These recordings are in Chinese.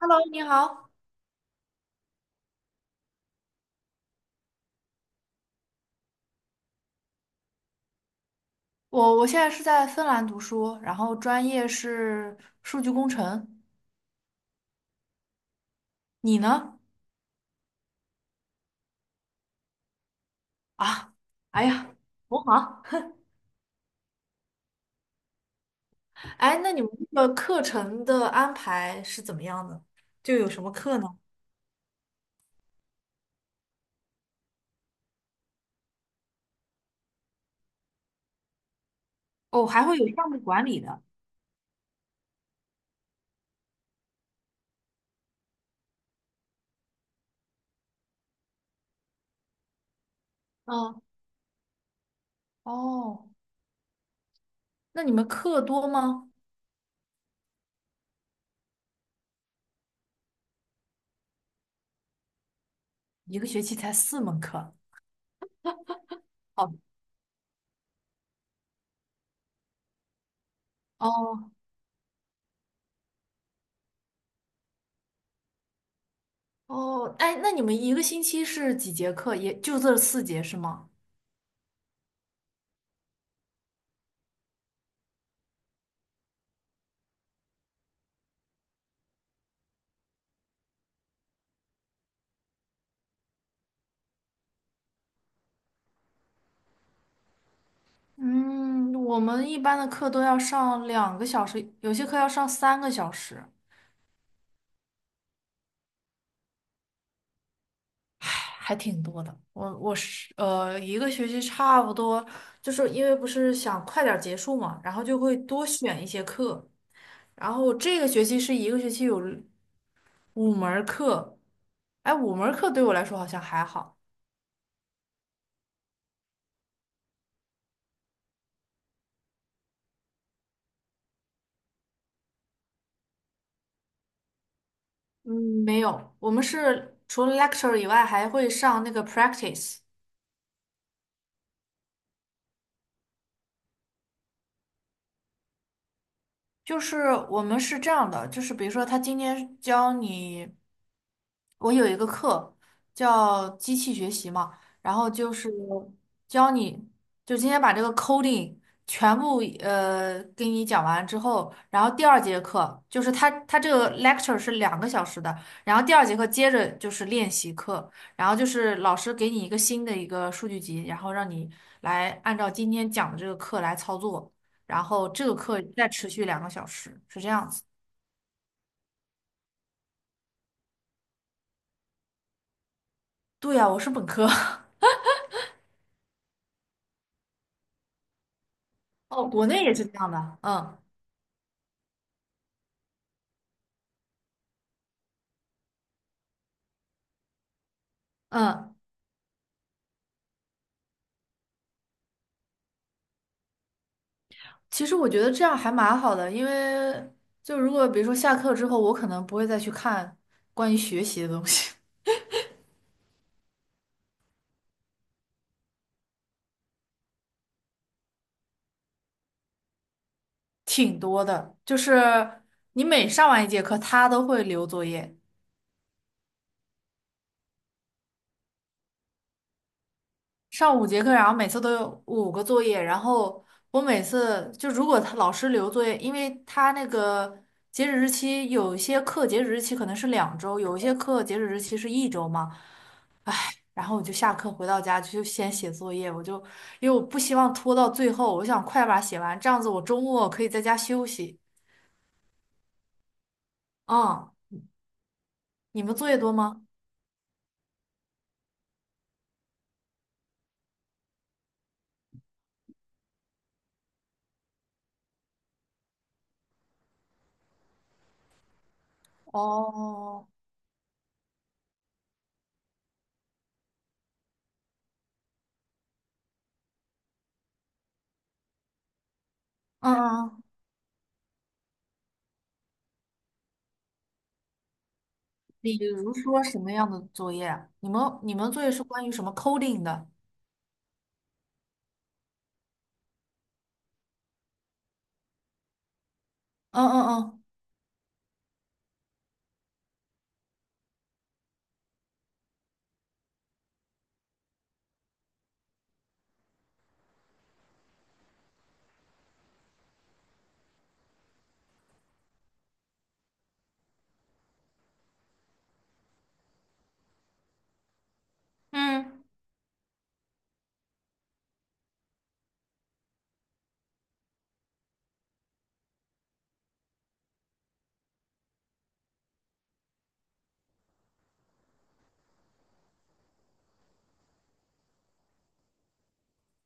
Hello，你好，我现在是在芬兰读书，然后专业是数据工程。你呢？啊，哎呀，同行。哎，那你们这个课程的安排是怎么样的？就有什么课呢？哦，还会有项目管理的。嗯，哦，那你们课多吗？一个学期才4门课。好的。哦哦。哎，那你们一个星期是几节课？也就这四节是吗？嗯，我们一般的课都要上两个小时，有些课要上3个小时，唉，还挺多的。我是一个学期差不多，就是因为不是想快点儿结束嘛，然后就会多选一些课。然后这个学期是一个学期有五门儿课，哎，五门儿课对我来说好像还好。嗯，没有，我们是除了 lecture 以外，还会上那个 practice。就是我们是这样的，就是比如说他今天教你，我有一个课叫机器学习嘛，然后就是教你，就今天把这个 coding 全部给你讲完之后，然后第二节课就是他这个 lecture 是两个小时的，然后第二节课接着就是练习课，然后就是老师给你一个新的一个数据集，然后让你来按照今天讲的这个课来操作。然后这个课再持续两个小时，是这样子。对呀，我是本科。哦，国内也是这样的。嗯嗯，其实我觉得这样还蛮好的，因为就如果比如说下课之后，我可能不会再去看关于学习的东西。挺多的。就是你每上完一节课，他都会留作业。上5节课，然后每次都有5个作业，然后我每次就如果他老师留作业，因为他那个截止日期有一些课截止日期可能是2周，有一些课截止日期是一周嘛，然后我就下课回到家就先写作业，我就因为我不希望拖到最后，我想快把它写完，这样子我周末可以在家休息。嗯，你们作业多吗？哦，嗯嗯，比如说什么样的作业啊你们作业是关于什么 coding 的？嗯嗯嗯嗯。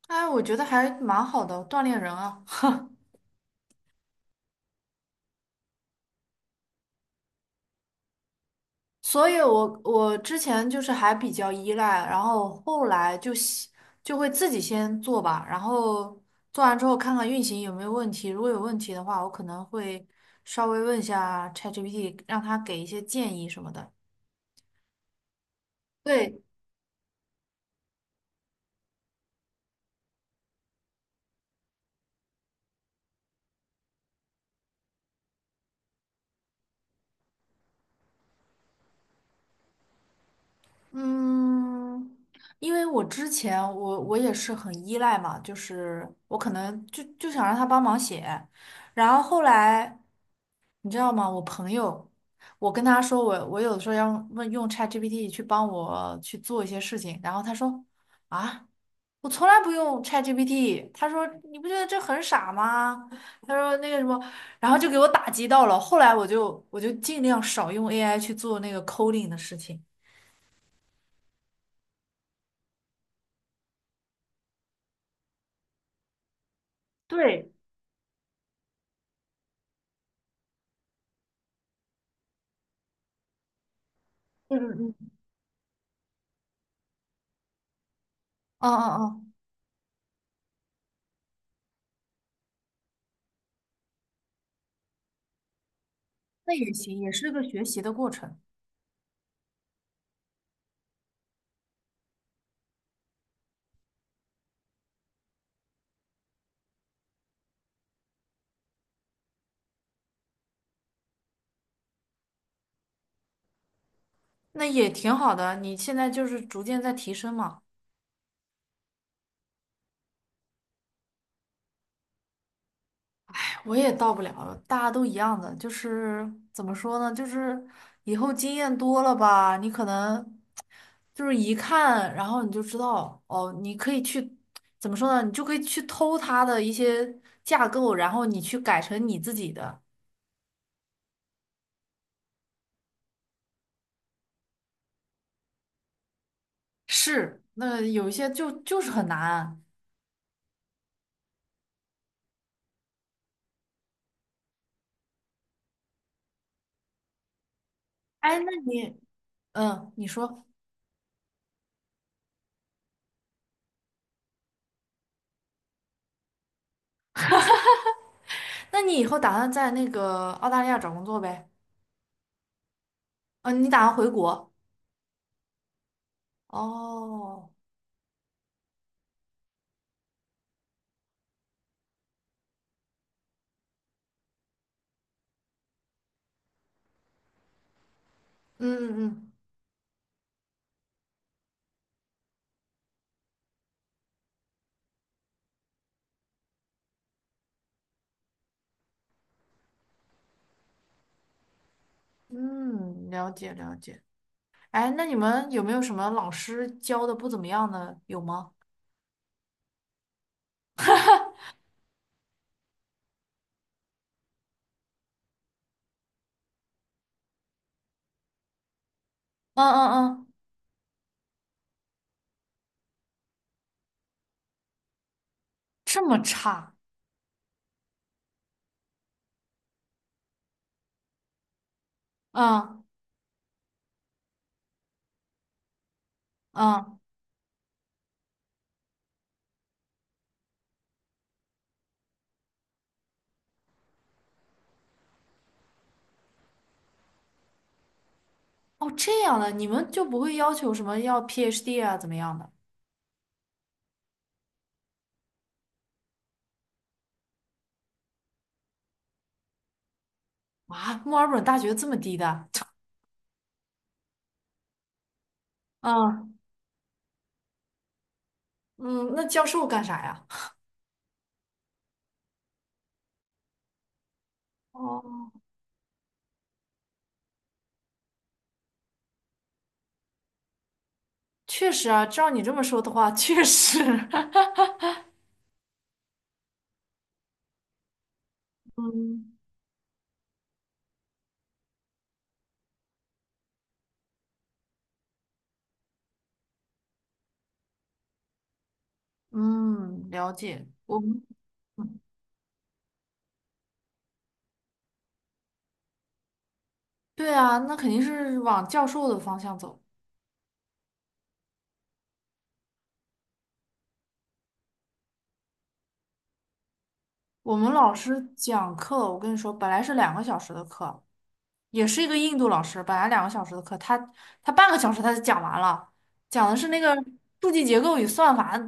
哎，我觉得还蛮好的，锻炼人啊。所以我之前就是还比较依赖，然后后来就会自己先做吧，然后做完之后看看运行有没有问题，如果有问题的话，我可能会稍微问一下 ChatGPT,让他给一些建议什么的。对，嗯，因为我之前我也是很依赖嘛，就是我可能就想让他帮忙写，然后后来。你知道吗？我朋友，我跟他说我有的时候要问用 ChatGPT 去帮我去做一些事情，然后他说啊，我从来不用 ChatGPT。他说你不觉得这很傻吗？他说那个什么，然后就给我打击到了。后来我就尽量少用 AI 去做那个 coding 的事情。对，嗯嗯嗯嗯嗯嗯。那也行，也是个学习的过程，那也挺好的。你现在就是逐渐在提升嘛。我也到不了了，大家都一样的，就是怎么说呢，就是以后经验多了吧，你可能就是一看，然后你就知道，哦，你可以去怎么说呢，你就可以去偷他的一些架构，然后你去改成你自己的。是，那有一些就是很难啊。哎，那你，嗯，你说，那你以后打算在那个澳大利亚找工作呗？嗯，你打算回国？哦，嗯嗯嗯，了解了解。哎，那你们有没有什么老师教的不怎么样的？有吗？嗯嗯嗯，这么差，嗯嗯，哦，这样的，你们就不会要求什么要 PhD 啊，怎么样的？啊，墨尔本大学这么低的？嗯，嗯，那教授干啥呀？哦，确实啊，照你这么说的话，确实。嗯，嗯，了解。我们，嗯对啊，那肯定是往教授的方向走。我们老师讲课，我跟你说，本来是两个小时的课，也是一个印度老师，本来两个小时的课，他半个小时他就讲完了，讲的是那个数据结构与算法。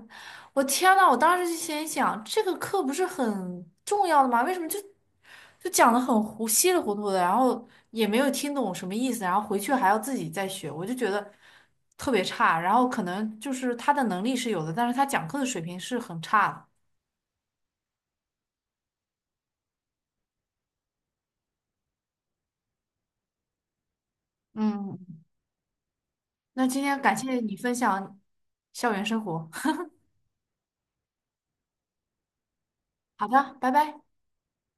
我天呐，我当时就心想，这个课不是很重要的吗？为什么就讲的很糊，稀里糊涂的，然后也没有听懂什么意思，然后回去还要自己再学，我就觉得特别差。然后可能就是他的能力是有的，但是他讲课的水平是很差的。嗯，那今天感谢你分享校园生活，好的，拜拜。